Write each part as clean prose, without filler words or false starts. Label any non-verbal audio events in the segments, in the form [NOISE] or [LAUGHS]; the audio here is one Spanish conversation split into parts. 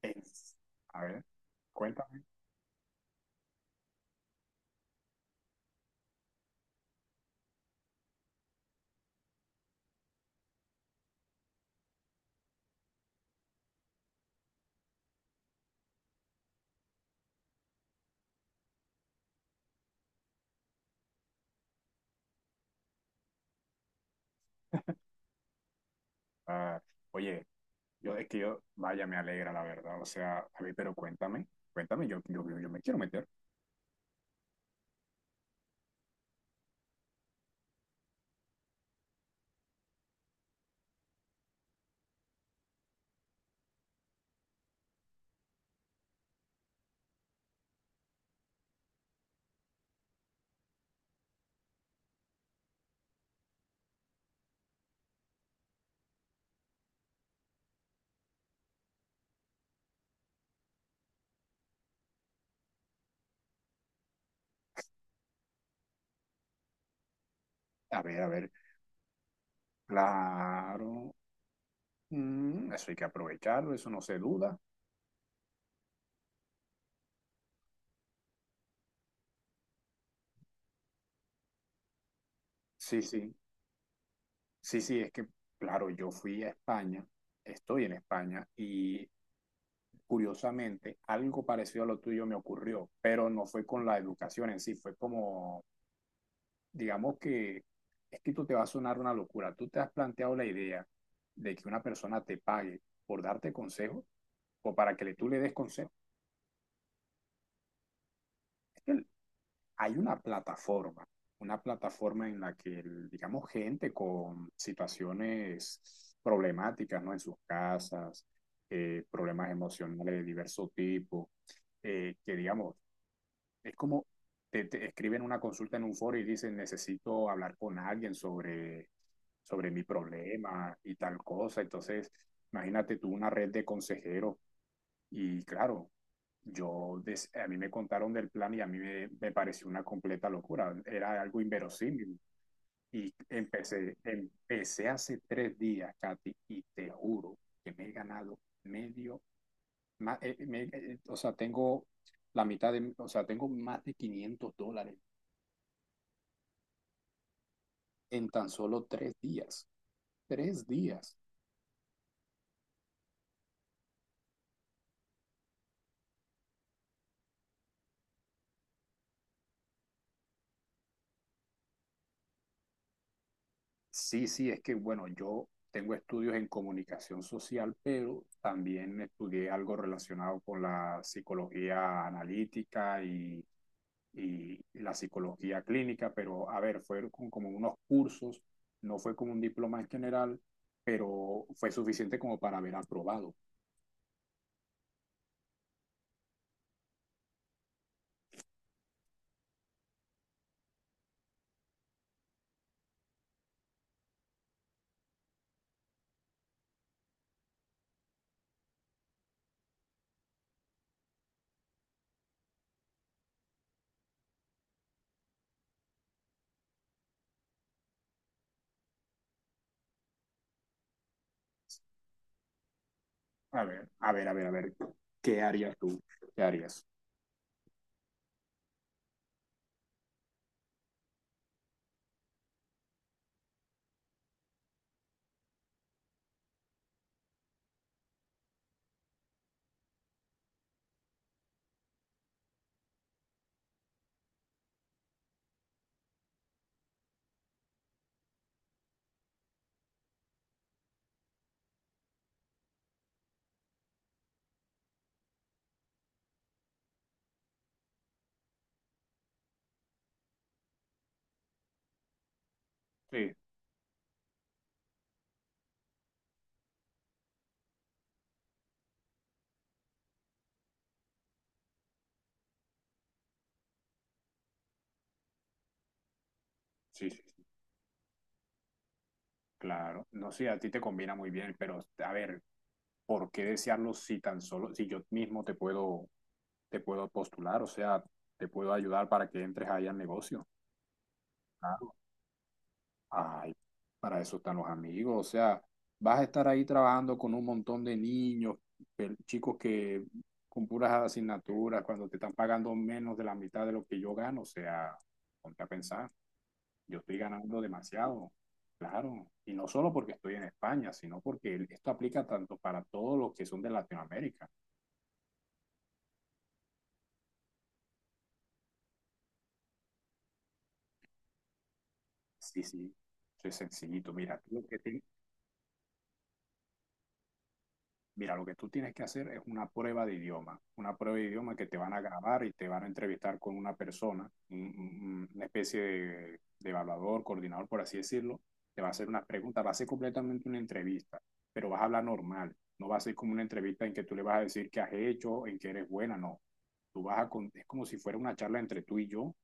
Es- a ver, cuéntame. Ah, oye, yo es que yo, vaya, me alegra la verdad. O sea, a ver, pero cuéntame, cuéntame, yo me quiero meter. A ver, claro. Mm, eso hay que aprovecharlo, eso no se duda. Sí, sí, sí, sí, es que, claro, yo fui a España, estoy en España y curiosamente algo parecido a lo tuyo me ocurrió, pero no fue con la educación en sí, fue como digamos que esto te va a sonar una locura. ¿Tú te has planteado la idea de que una persona te pague por darte consejos o para que tú le des consejos? Es que el- Hay una plataforma en la que, digamos, gente con situaciones problemáticas, ¿no? En sus casas, problemas emocionales de diverso tipo, que, digamos, es como te escriben una consulta en un foro y dicen, necesito hablar con alguien sobre, sobre mi problema y tal cosa. Entonces, imagínate tú una red de consejeros y claro, a mí me contaron del plan y a mí me pareció una completa locura, era algo inverosímil. Y empecé, empecé hace 3 días, Katy, y te juro que me he ganado medio, o sea, tengo la mitad de, o sea, tengo más de 500 dólares en tan solo 3 días. 3 días. Sí, sí, es que bueno, yo tengo estudios en comunicación social, pero también estudié algo relacionado con la psicología analítica y la psicología clínica, pero a ver, fueron como unos cursos, no fue como un diploma en general, pero fue suficiente como para haber aprobado. A ver, a ver, ¿qué harías tú? ¿Qué harías? Sí, sí, sí, claro. No sé, a ti te combina muy bien, pero a ver, ¿por qué desearlo si tan solo, si yo mismo te puedo postular, o sea, te puedo ayudar para que entres ahí al negocio? Claro. Ay, para eso están los amigos, o sea, vas a estar ahí trabajando con un montón de niños, chicos que con puras asignaturas, cuando te están pagando menos de la mitad de lo que yo gano, o sea, ponte a pensar, yo estoy ganando demasiado, claro, y no solo porque estoy en España, sino porque esto aplica tanto para todos los que son de Latinoamérica. Sí, sí, soy sencillito. Mira, lo que tú tienes que hacer es una prueba de idioma, una prueba de idioma que te van a grabar y te van a entrevistar con una persona, una especie de evaluador, coordinador, por así decirlo, te va a hacer unas preguntas, va a ser completamente una entrevista, pero vas a hablar normal, no va a ser como una entrevista en que tú le vas a decir qué has hecho, en qué eres buena, no. Tú vas a, es como si fuera una charla entre tú y yo,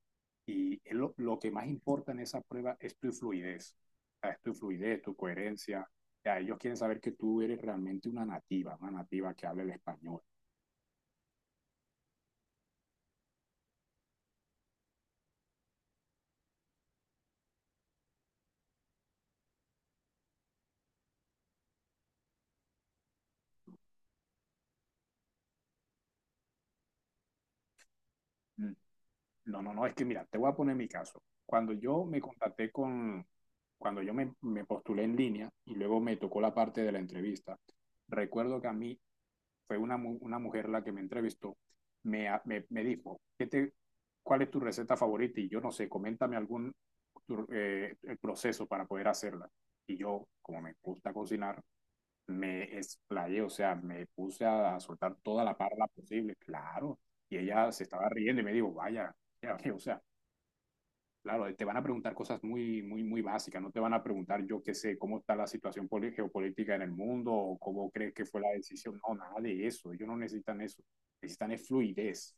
y es lo que más importa en esa prueba es tu fluidez, o sea, es tu fluidez, tu coherencia ya, ellos quieren saber que tú eres realmente una nativa que habla el español. Mm. No, es que mira, te voy a poner mi caso. Cuando yo me postulé en línea y luego me tocó la parte de la entrevista, recuerdo que a mí fue una, una mujer la que me entrevistó, me dijo, ¿cuál es tu receta favorita? Y yo no sé, coméntame algún el proceso para poder hacerla. Y yo, como me gusta cocinar, me explayé, o sea, me puse a soltar toda la parla posible, claro. Y ella se estaba riendo y me dijo, vaya, ya, o sea, claro, te van a preguntar cosas muy, muy, muy básicas, no te van a preguntar, yo qué sé, cómo está la situación geopolítica en el mundo o cómo crees que fue la decisión, no, nada de eso, ellos no necesitan eso, necesitan es fluidez,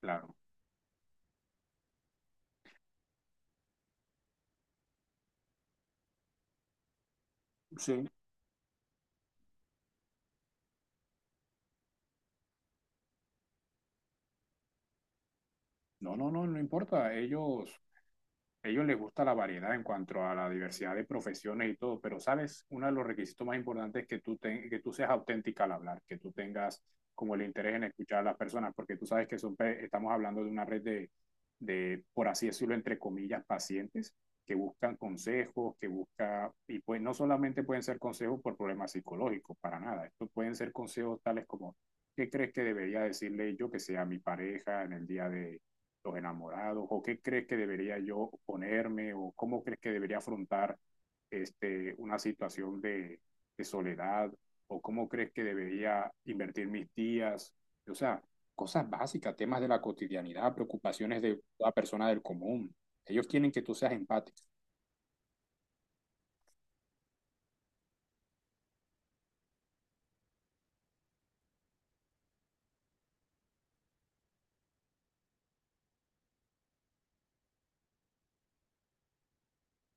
claro. Sí. No, no importa, ellos a ellos les gusta la variedad en cuanto a la diversidad de profesiones y todo, pero sabes, uno de los requisitos más importantes es que que tú seas auténtica al hablar, que tú tengas como el interés en escuchar a las personas, porque tú sabes que son estamos hablando de una red de, por así decirlo, entre comillas, pacientes que buscan consejos, que busca, y pues no solamente pueden ser consejos por problemas psicológicos, para nada, estos pueden ser consejos tales como, ¿qué crees que debería decirle yo que sea mi pareja en el día de los enamorados, o qué crees que debería yo ponerme, o cómo crees que debería afrontar este, una situación de soledad, o cómo crees que debería invertir mis días, o sea, cosas básicas, temas de la cotidianidad, preocupaciones de toda persona del común. Ellos quieren que tú seas empático.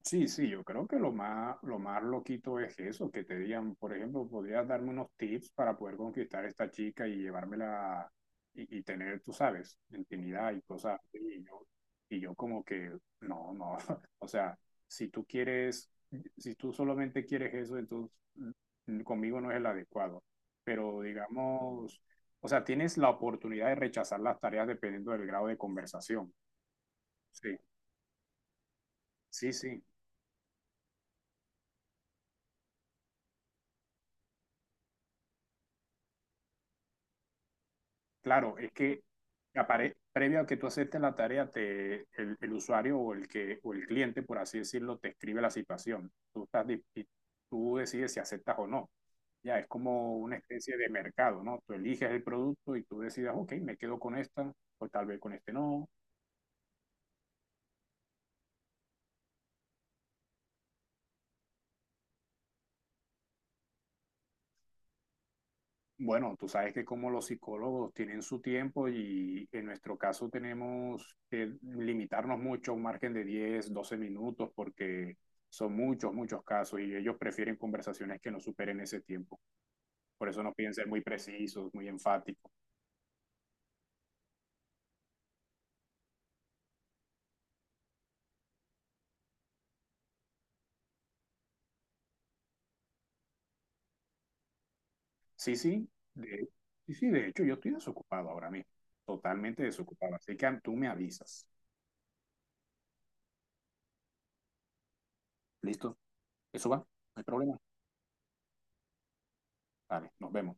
Sí, sí, yo creo que lo más loquito es eso, que te digan, por ejemplo, podrías darme unos tips para poder conquistar a esta chica y llevármela y tener, tú sabes, intimidad y cosas así. Y yo como que, no, no, [LAUGHS] o sea, si tú quieres, si tú solamente quieres eso, entonces mm, conmigo no es el adecuado. Pero digamos, o sea, tienes la oportunidad de rechazar las tareas dependiendo del grado de conversación. Sí, sí, sí. Claro, es que previo a que tú aceptes la tarea, el usuario o el cliente, por así decirlo, te escribe la situación. Y tú decides si aceptas o no. Ya es como una especie de mercado, ¿no? Tú eliges el producto y tú decides, ok, me quedo con esta, o tal vez con este no. Bueno, tú sabes que como los psicólogos tienen su tiempo y en nuestro caso tenemos que limitarnos mucho a un margen de 10, 12 minutos porque son muchos, muchos casos y ellos prefieren conversaciones que no superen ese tiempo. Por eso nos piden ser muy precisos, muy enfáticos. Sí, sí, de, sí, sí, de hecho yo estoy desocupado ahora mismo, totalmente desocupado. Así que tú me avisas. ¿Listo? Eso va, no hay problema. Vale, nos vemos.